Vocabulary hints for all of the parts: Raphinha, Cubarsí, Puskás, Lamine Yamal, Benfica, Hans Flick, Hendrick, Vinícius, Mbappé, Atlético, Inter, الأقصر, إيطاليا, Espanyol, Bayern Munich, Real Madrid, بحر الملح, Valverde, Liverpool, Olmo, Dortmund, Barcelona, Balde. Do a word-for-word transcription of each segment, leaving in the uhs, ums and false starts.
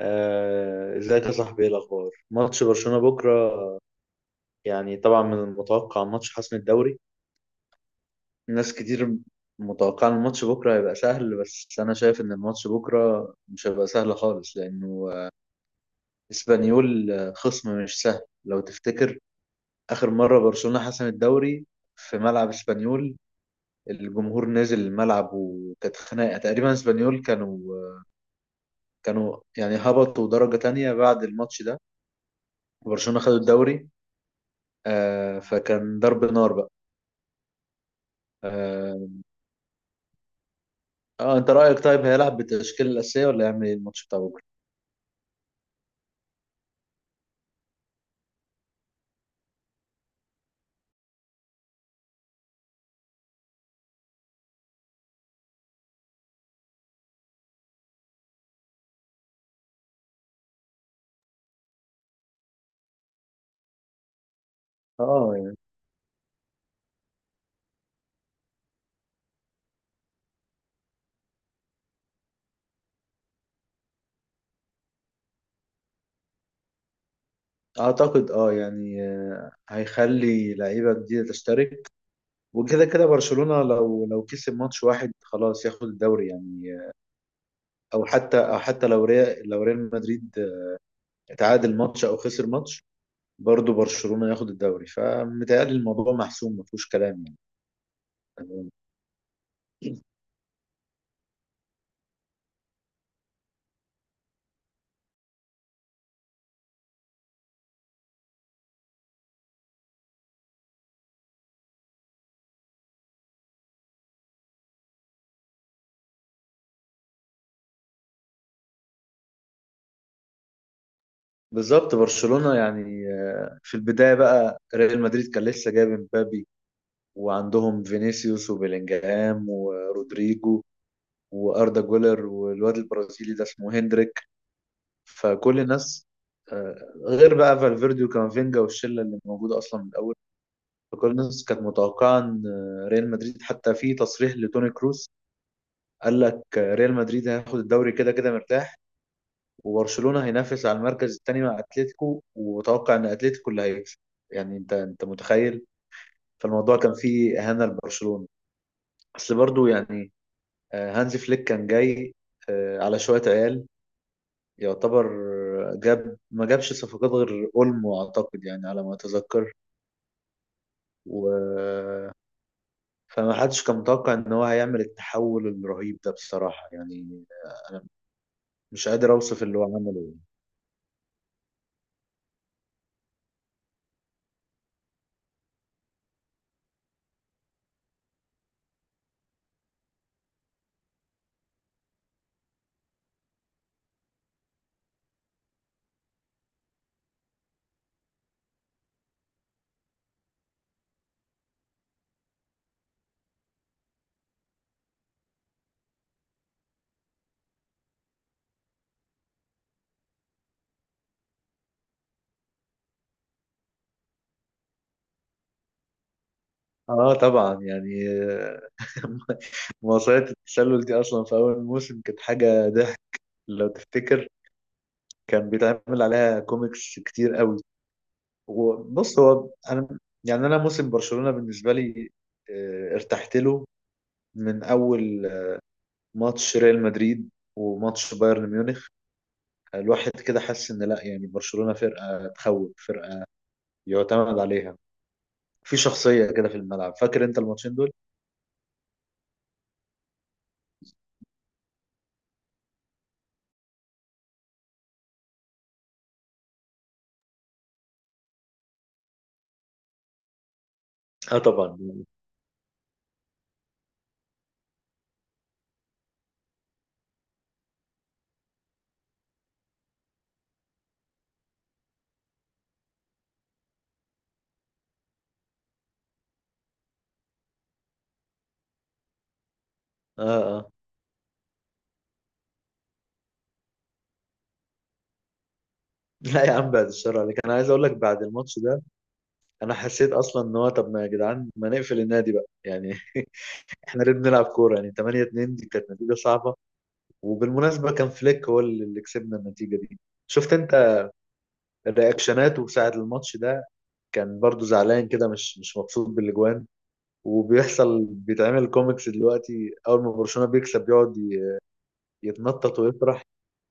آه، ازيك يا صاحبي؟ ايه الاخبار؟ ماتش برشلونة بكره يعني طبعا من المتوقع ماتش حسم الدوري. ناس كتير متوقعه ان الماتش بكره هيبقى سهل، بس انا شايف ان الماتش بكره مش هيبقى سهل خالص لانه اسبانيول خصم مش سهل. لو تفتكر اخر مره برشلونة حسم الدوري في ملعب اسبانيول، الجمهور نزل الملعب وكانت خناقه، تقريبا اسبانيول كانوا كانوا يعني هبطوا درجه تانية بعد الماتش ده، برشلونة خدوا الدوري. آه فكان ضرب نار بقى. آه, اه انت رأيك؟ طيب هيلعب بالتشكيلة الأساسية ولا هيعمل ايه الماتش بتاع بكرة؟ اه يعني اعتقد اه يعني آه هيخلي لعيبة جديدة تشترك. وكده كده برشلونة لو لو كسب ماتش واحد خلاص ياخد الدوري يعني آه، او حتى او حتى لو ريال، لو ريال مدريد آه، تعادل ماتش او خسر ماتش، برضه برشلونة ياخد الدوري، فمتهيألي الموضوع محسوم ما فيهوش كلام يعني. بالظبط، برشلونة يعني آه، في البداية بقى ريال مدريد كان لسه جايب مبابي، وعندهم فينيسيوس وبيلينجهام ورودريجو واردا جولر والواد البرازيلي ده اسمه هندريك. فكل الناس آه، غير بقى فالفيردي وكامافينجا والشله اللي موجوده اصلا من الاول، فكل الناس كانت متوقعه ان آه، ريال مدريد، حتى في تصريح لتوني كروس قال لك آه، ريال مدريد هياخد الدوري كده كده مرتاح، وبرشلونه هينافس على المركز الثاني مع اتلتيكو، وتوقع ان اتلتيكو اللي هيكسب. يعني انت انت متخيل؟ فالموضوع كان فيه اهانه لبرشلونه. بس برضو يعني آه، هانز فليك كان جاي آه، على شوية عيال يعتبر، آه، جاب ما جابش صفقات غير اولمو اعتقد يعني على ما اتذكر. و فما حدش كان متوقع ان هو هيعمل التحول الرهيب ده بصراحة يعني آه، انا مش قادر اوصف اللي هو عمله يعني. اه طبعا يعني آه، مواصلات التسلل دي اصلا في اول موسم كانت حاجة ضحك لو تفتكر، كان بيتعمل عليها كوميكس كتير قوي. هو- بص، هو انا يعني انا موسم برشلونة بالنسبة لي آه، ارتحت له من اول ماتش ريال مدريد وماتش بايرن ميونخ. الواحد كده حس ان لا، يعني برشلونة فرقة تخوف، فرقة يعتمد عليها، في شخصية كده في الملعب. فاكر انت الماتشين دول؟ اه طبعا. اه اه لا يا عم بعد الشر عليك، انا عايز اقول لك بعد الماتش ده انا حسيت اصلا ان هو طب ما يا جدعان ما نقفل النادي بقى يعني. احنا ليه بنلعب كورة يعني؟ تمانية اتنين دي كانت نتيجة صعبة. وبالمناسبة كان فليك هو اللي كسبنا النتيجة دي. شفت انت رياكشناته ساعة الماتش ده؟ كان برضو زعلان كده مش مش مبسوط بالاجوان. وبيحصل بيتعمل كوميكس دلوقتي، اول ما برشلونة بيكسب بيقعد ي- يتنطط ويفرح.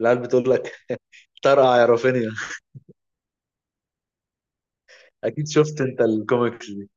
العيال بتقول لك طرقع يا رافينيا. اكيد شفت انت الكوميكس دي.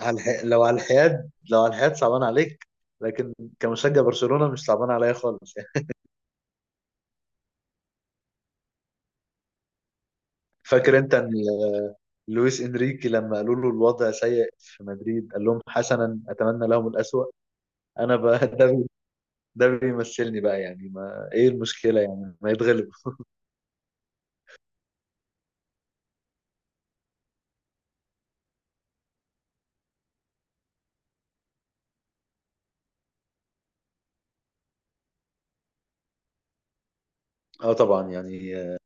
على الح... لو على الحياد، لو على الحياد صعبان عليك، لكن كمشجع برشلونة مش صعبان عليا خالص يعني. فاكر انت ان لويس انريكي لما قالوا له الوضع سيء في مدريد قال لهم حسنا اتمنى لهم الأسوأ؟ انا بقى ده بي- ده بيمثلني بقى يعني. ما ايه المشكله يعني؟ ما يتغلب. اه طبعا يعني آه،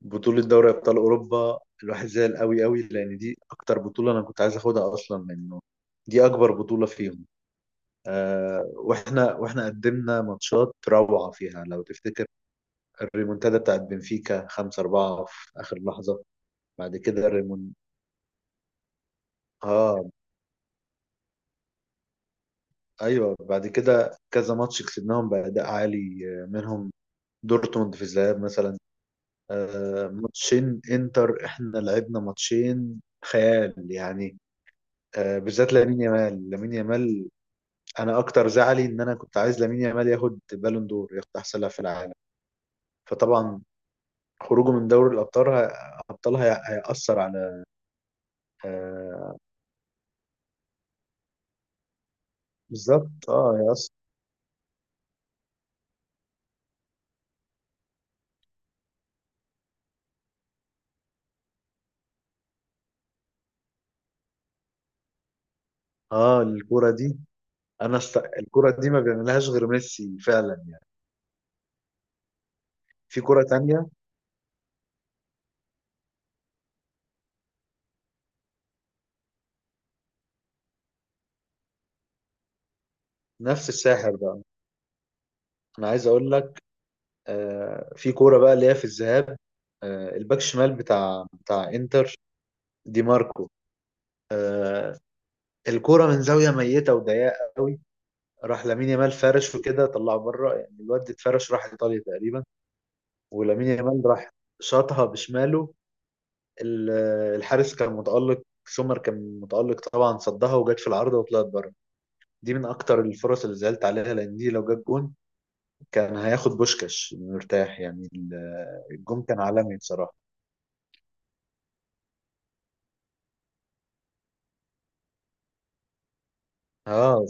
بطوله دوري ابطال اوروبا الواحد زعل قوي قوي لان دي اكتر بطوله انا كنت عايز اخدها اصلا، لانه دي اكبر بطوله فيهم. آه واحنا واحنا قدمنا ماتشات روعه فيها. لو تفتكر الريمونتادا بتاعت بنفيكا خمسة أربعة في اخر لحظه. بعد كده الريمون اه ايوه، بعد كده كذا ماتش كسبناهم باداء عالي، آه، منهم دورتموند في الذهاب مثلا، آه، ماتشين انتر احنا لعبنا ماتشين خيال يعني، آه، بالذات لامين يامال. لامين يامال انا اكتر زعلي ان انا كنت عايز لامين يامال ياخد بالون دور، ياخد احسن لاعب في العالم. فطبعا خروجه من دوري الابطال ه- ابطال هي- هيأثر على، آه، بالظبط اه هيأثر. اه الكرة دي، انا است... الكرة دي ما بيعملهاش غير ميسي فعلا يعني. في كرة تانية، نفس الساحر بقى. انا عايز اقول لك، آه، في كوره بقى اللي هي في الذهاب، آه، الباك شمال بتاع بتاع انتر دي ماركو، آه، الكوره من زاويه ميته وضيقه قوي، راح لامين يامال فرش وكده طلعه بره، يعني الواد اتفرش راح ايطاليا تقريبا. ولامين يامال راح شاطها بشماله، ال- الحارس كان متالق، سومر كان متالق طبعا، صدها وجت في العارضه وطلعت بره. دي من اكتر الفرص اللي زعلت عليها، لان دي لو جت جون كان هياخد بوشكاش مرتاح يعني. ال- الجون كان عالمي بصراحه. اه،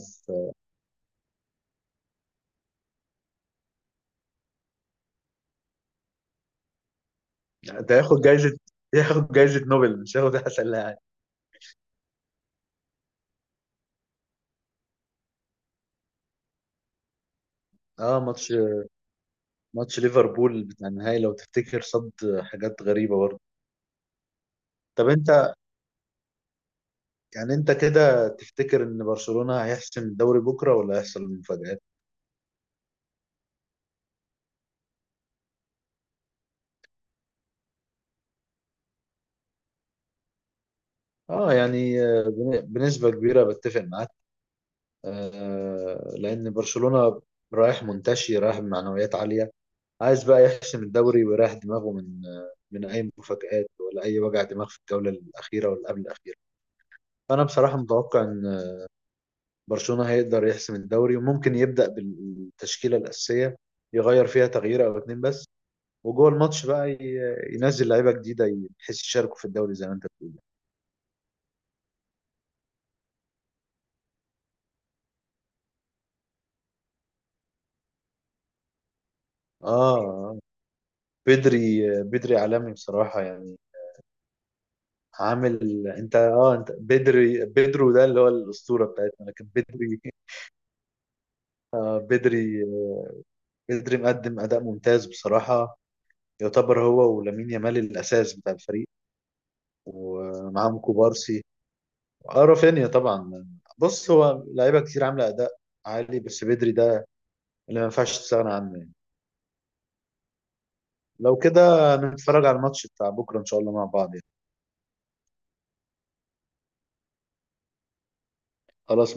ده ياخد جايزة، ياخد جايزة نوبل، مش هياخد أحسن لاعب. اه ماتش ماتش ليفربول بتاع النهائي لو تفتكر صد حاجات غريبة برضه. طب انت يعني انت كده تفتكر ان برشلونة هيحسم الدوري بكرة ولا هيحصل مفاجآت؟ اه يعني آه، بن- بنسبة كبيرة بتفق معاك. آه، لأن برشلونة رايح منتشي، رايح بمعنويات عالية، عايز بقى يحسم الدوري ويريح دماغه من آه، من أي مفاجآت ولا أي وجع دماغ في الجولة الأخيرة ولا قبل الأخيرة. فأنا بصراحة متوقع إن برشلونة هيقدر يحسم الدوري، وممكن يبدأ بالتشكيلة الأساسية، يغير فيها تغيير أو اتنين بس، وجوه الماتش بقى ي- ينزل لعيبة جديدة، بحيث يشاركوا في الدوري زي ما أنت بتقول. آه آه. بدري بدري عالمي بصراحة يعني. عامل أنت، آه أنت بدري، بدرو ده اللي هو الأسطورة بتاعتنا، لكن بدري آه، بدري بدري مقدم أداء ممتاز بصراحة، يعتبر هو ولامين يامال الأساس بتاع الفريق، ومعاهم كوبارسي. اه رافينيا طبعا. بص هو لعيبه كتير عامله اداء عالي، بس بدري ده اللي ما ينفعش تستغنى عنه يعني. لو كده نتفرج على الماتش بتاع بكره ان شاء الله مع بعض يعني. خلاص